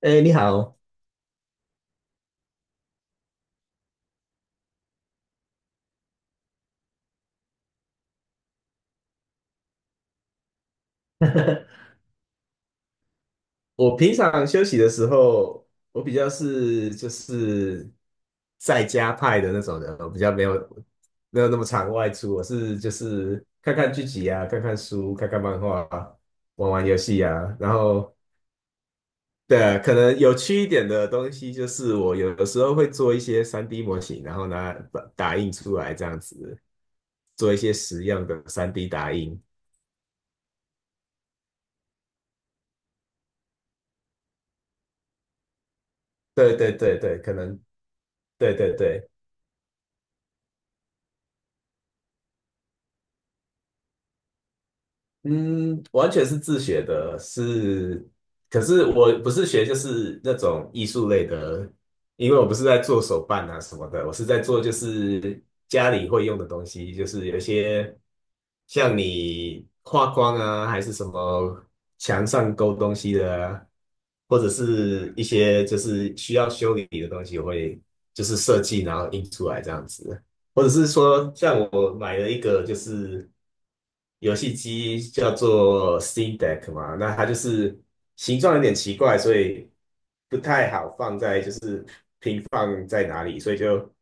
哎，你好，我平常休息的时候，我比较是就是在家派的那种人，我比较没有那么常外出，我是就是看看剧集啊，看看书，看看漫画啊，玩玩游戏啊，然后对啊，可能有趣一点的东西就是我有的时候会做一些三 d 模型，然后拿打印出来这样子，做一些实用的三 d 打印。对对对对，可能对对对。嗯，完全是自学的，是，可是我不是学就是那种艺术类的，因为我不是在做手办啊什么的，我是在做就是家里会用的东西，就是有一些像你画框啊，还是什么墙上勾东西的啊，或者是一些就是需要修理的东西，我会就是设计然后印出来这样子。或者是说，像我买了一个就是游戏机叫做 Steam Deck 嘛，那它就是形状有点奇怪，所以不太好放在就是平放在哪里，所以就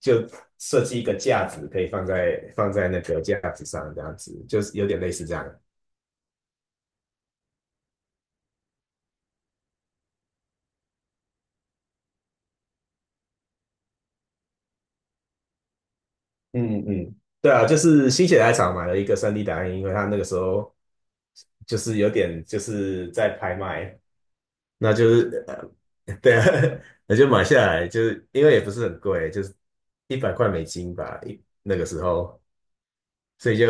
就设计一个架子，可以放在放在那个架子上，这样子就是有点类似这样。嗯嗯，对啊，就是心血来潮买了一个 3D 打印，因为它那个时候就是有点就是在拍卖。那就是对啊，那就买下来，就是因为也不是很贵，就是100块美金吧，一那个时候，所以就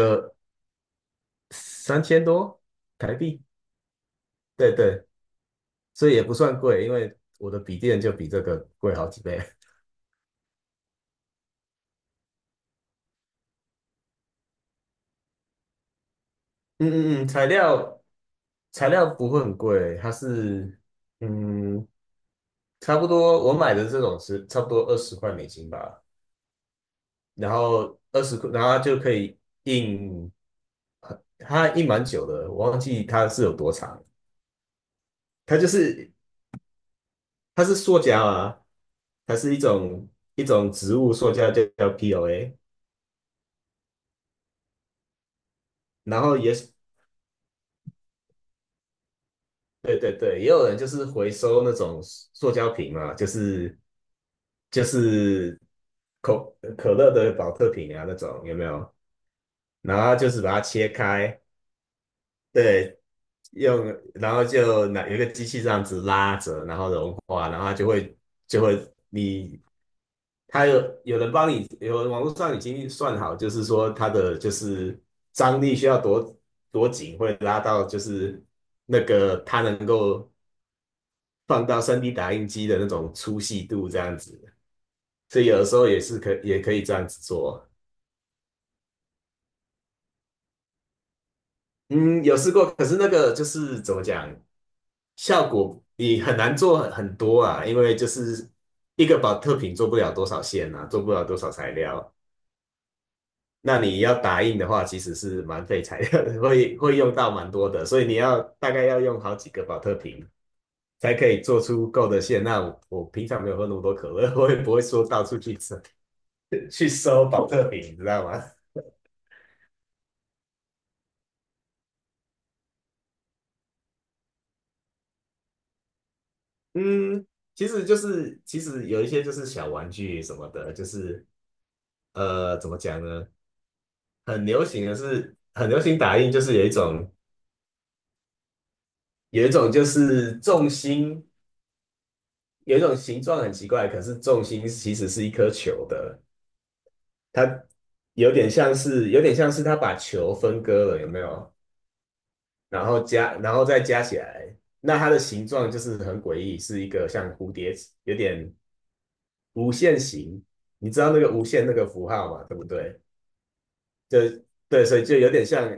3000多台币，对对，所以也不算贵，因为我的笔电就比这个贵好几倍。嗯嗯嗯，材料不会很贵，它是嗯差不多我买的这种是差不多20块美金吧，然后二十块，然后它就可以印，它印蛮久的，我忘记它是有多长。它就是它是塑胶啊，它是一种植物塑胶，就叫 POA。然后也对对对，也有人就是回收那种塑胶瓶嘛，就是可可乐的保特瓶啊那种有没有？然后就是把它切开，对，用，然后就拿有一个机器这样子拉着，然后融化，然后它就会就会你，它有有人帮你，有网络上已经算好，就是说它的就是张力需要多紧，会拉到就是那个它能够放到三 d 打印机的那种粗细度这样子，所以有的时候也可以这样子做。嗯，有试过，可是那个就是怎么讲？效果你很难做很多啊，因为就是一个保特瓶做不了多少线啊，做不了多少材料。那你要打印的话，其实是蛮费材料的，会用到蛮多的，所以你要大概要用好几个保特瓶才可以做出够的线。那我，我平常没有喝那么多可乐，我也不会说到处去搜 去收保特瓶，你知道吗？嗯，其实就是其实有一些就是小玩具什么的，就是怎么讲呢？很流行的是很流行打印，就是有一种就是重心，有一种形状很奇怪，可是重心其实是一颗球的，它有点像是它把球分割了，有没有？然后加然后再加起来，那它的形状就是很诡异，是一个像蝴蝶，有点无限形。你知道那个无限那个符号嘛，对不对？就对，所以就有点像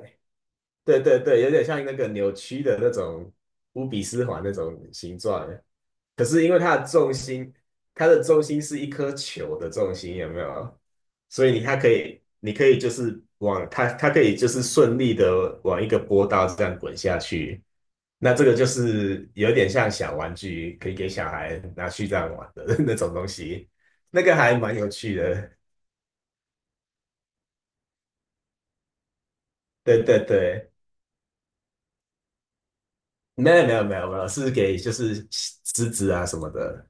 对对对，有点像那个扭曲的那种乌比斯环那种形状，可是因为它的重心，它的重心是一颗球的重心，有没有？所以你它可以，你可以就是往它，它可以就是顺利的往一个波道这样滚下去。那这个就是有点像小玩具，可以给小孩拿去这样玩的 那种东西，那个还蛮有趣的。对对对，没有没有没有没有，是给就是狮子啊什么的。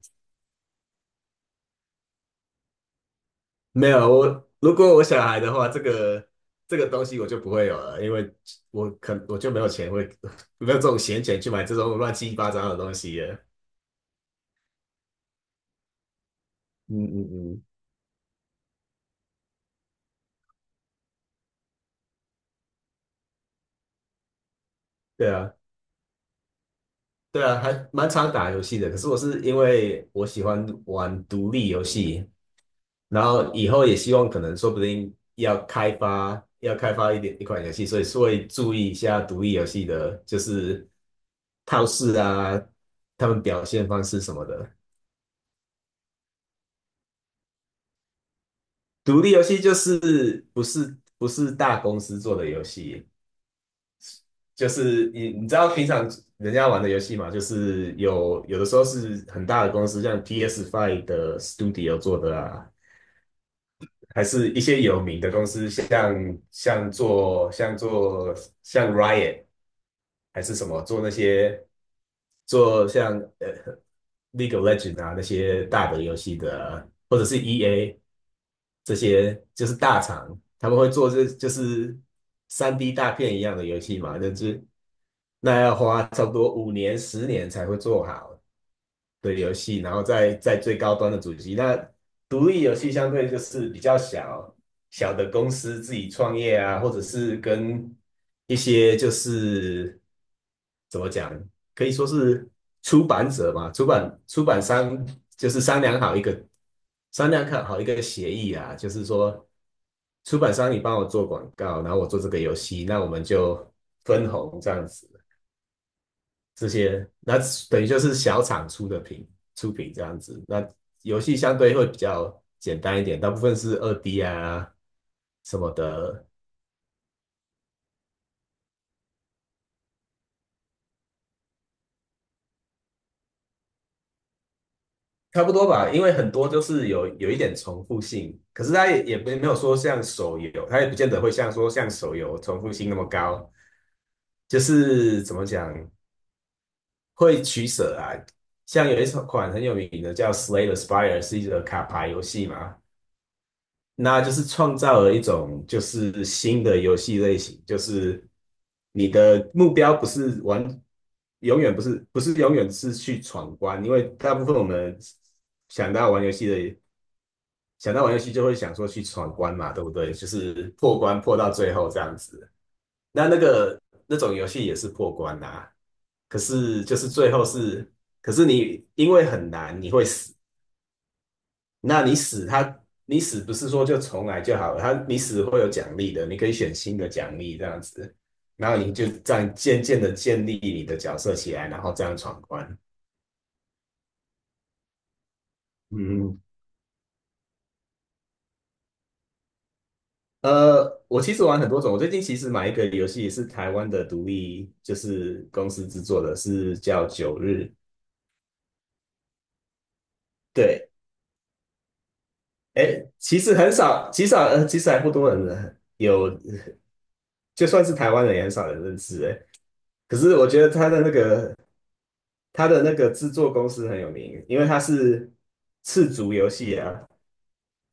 没有，我如果我小孩的话，这个东西我就不会有了，因为我就没有钱会 没有这种闲钱去买这种乱七八糟的东西了。嗯嗯嗯，对啊，对啊，还蛮常打游戏的。可是我是因为我喜欢玩独立游戏，然后以后也希望可能说不定要开发一款游戏，所以是会注意一下独立游戏的，就是套式啊，他们表现方式什么的。独立游戏就是不是大公司做的游戏，就是你知道平常人家玩的游戏嘛，就是有的时候是很大的公司，像 P S Five 的 Studio 做的啊，还是一些有名的公司，像做像做像 Riot。还是什么做那些做像呃 League of L E G E N D 啊那些大的游戏的，或者是 EA 这些就是大厂，他们会做这就是三 D 大片一样的游戏嘛，那就是要花差不多5年10年才会做好，的游戏，然后在最高端的主机。那独立游戏相对就是比较小的公司自己创业啊，或者是跟一些就是怎么讲，可以说是出版者嘛，出版商就是商量看好一个协议啊，就是说出版商你帮我做广告，然后我做这个游戏，那我们就分红这样子。这些，那等于就是小厂出品这样子。那游戏相对会比较简单一点，大部分是二 D 啊什么的，差不多吧。因为很多就是有一点重复性，可是它也没有说像手游，它也不见得会像说像手游重复性那么高。就是怎么讲，会取舍啊。像有一款很有名的叫《Slay the Spire》,是一个卡牌游戏嘛。那就是创造了一种就是新的游戏类型，就是你的目标不是玩，永远不是永远是去闯关，因为大部分我们想到玩游戏的，想到玩游戏就会想说去闯关嘛，对不对？就是破关破到最后这样子。那那个那种游戏也是破关啊，可是就是最后是，可是你因为很难，你会死。那你死他，你死不是说就重来就好了，他你死会有奖励的，你可以选新的奖励这样子，然后你就这样渐渐的建立你的角色起来，然后这样闯关。嗯，我其实玩很多种，我最近其实买一个游戏是台湾的独立，就是公司制作的，是叫《九日》。对，哎，其实很少，极少，其实还不多人有，就算是台湾人也很少人认识，哎。可是我觉得他的那个制作公司很有名，因为他是赤足游戏啊，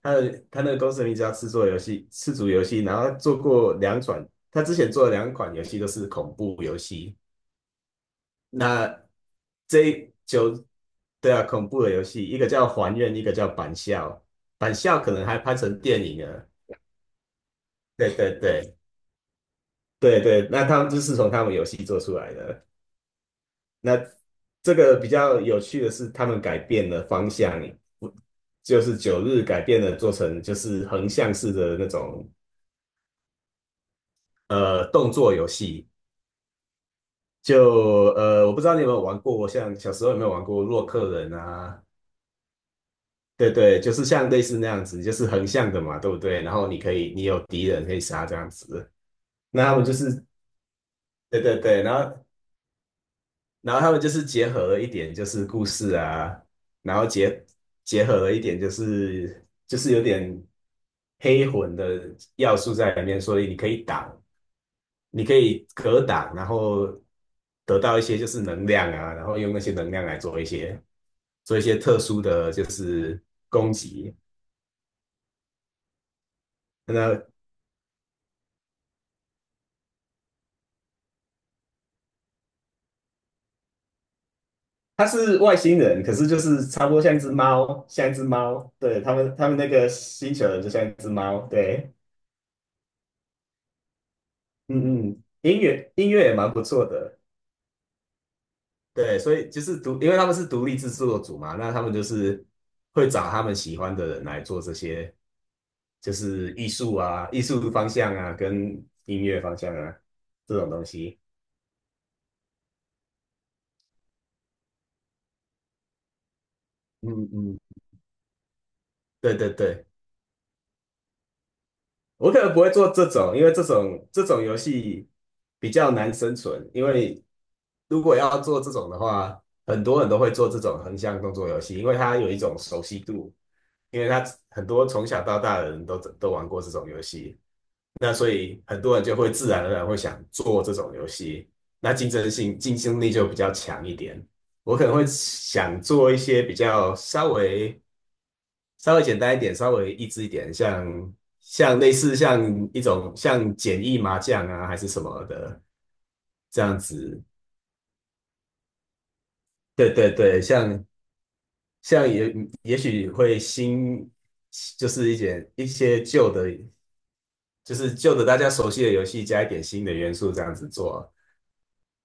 他的他那个公司的名字叫赤足游戏，赤足游戏，然后他做过两款，他之前做的两款游戏都是恐怖游戏。那这一就对啊，恐怖的游戏，一个叫《还愿》，一个叫《板校》，《板校》可能还拍成电影了。对对对对对，那他们就是从他们游戏做出来的。那这个比较有趣的是，他们改变了方向，不就是九日改变了做成就是横向式的那种动作游戏。我不知道你有没有玩过，像小时候有没有玩过洛克人啊？对对，就是像类似那样子，就是横向的嘛，对不对？然后你可以，你有敌人可以杀这样子。那他们就是对对对，然后他们就是结合了一点就是故事啊，然后结合了一点就是就是有点黑魂的要素在里面，所以你可以挡，你可以格挡，然后得到一些就是能量啊，然后用那些能量来做一些特殊的就是攻击。那他是外星人，可是就是差不多像一只猫，像一只猫。对，他们，他们那个星球人就像一只猫。对，嗯嗯，音乐也蛮不错的，对，所以就是独，因为他们是独立制作组嘛，那他们就是会找他们喜欢的人来做这些，就是艺术啊、艺术方向啊，跟音乐方向啊这种东西。嗯嗯，对对对。我可能不会做这种，因为这种游戏比较难生存。因为如果要做这种的话，很多人都会做这种横向动作游戏，因为它有一种熟悉度，因为它很多从小到大的人都玩过这种游戏，那所以很多人就会自然而然会想做这种游戏，那竞争性竞争力就比较强一点。我可能会想做一些比较稍微简单一点，稍微益智一点，像类似像一种像简易麻将啊，还是什么的这样子。对对对，像也许会新，就是一点一些旧的，就是旧的大家熟悉的游戏加一点新的元素这样子做。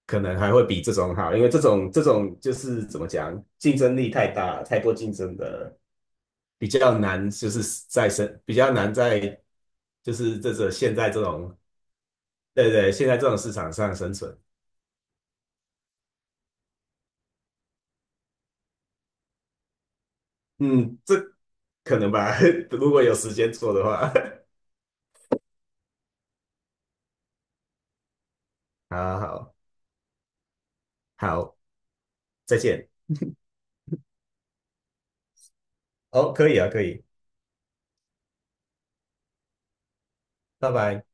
可能还会比这种好，因为这种就是怎么讲，竞争力太大，太多竞争的，比较难，就是在生比较难在就是这现在这种对对现在这种市场上生存，嗯，这可能吧，如果有时间做的话，好好好，再见，哦，可以啊，可以，拜拜。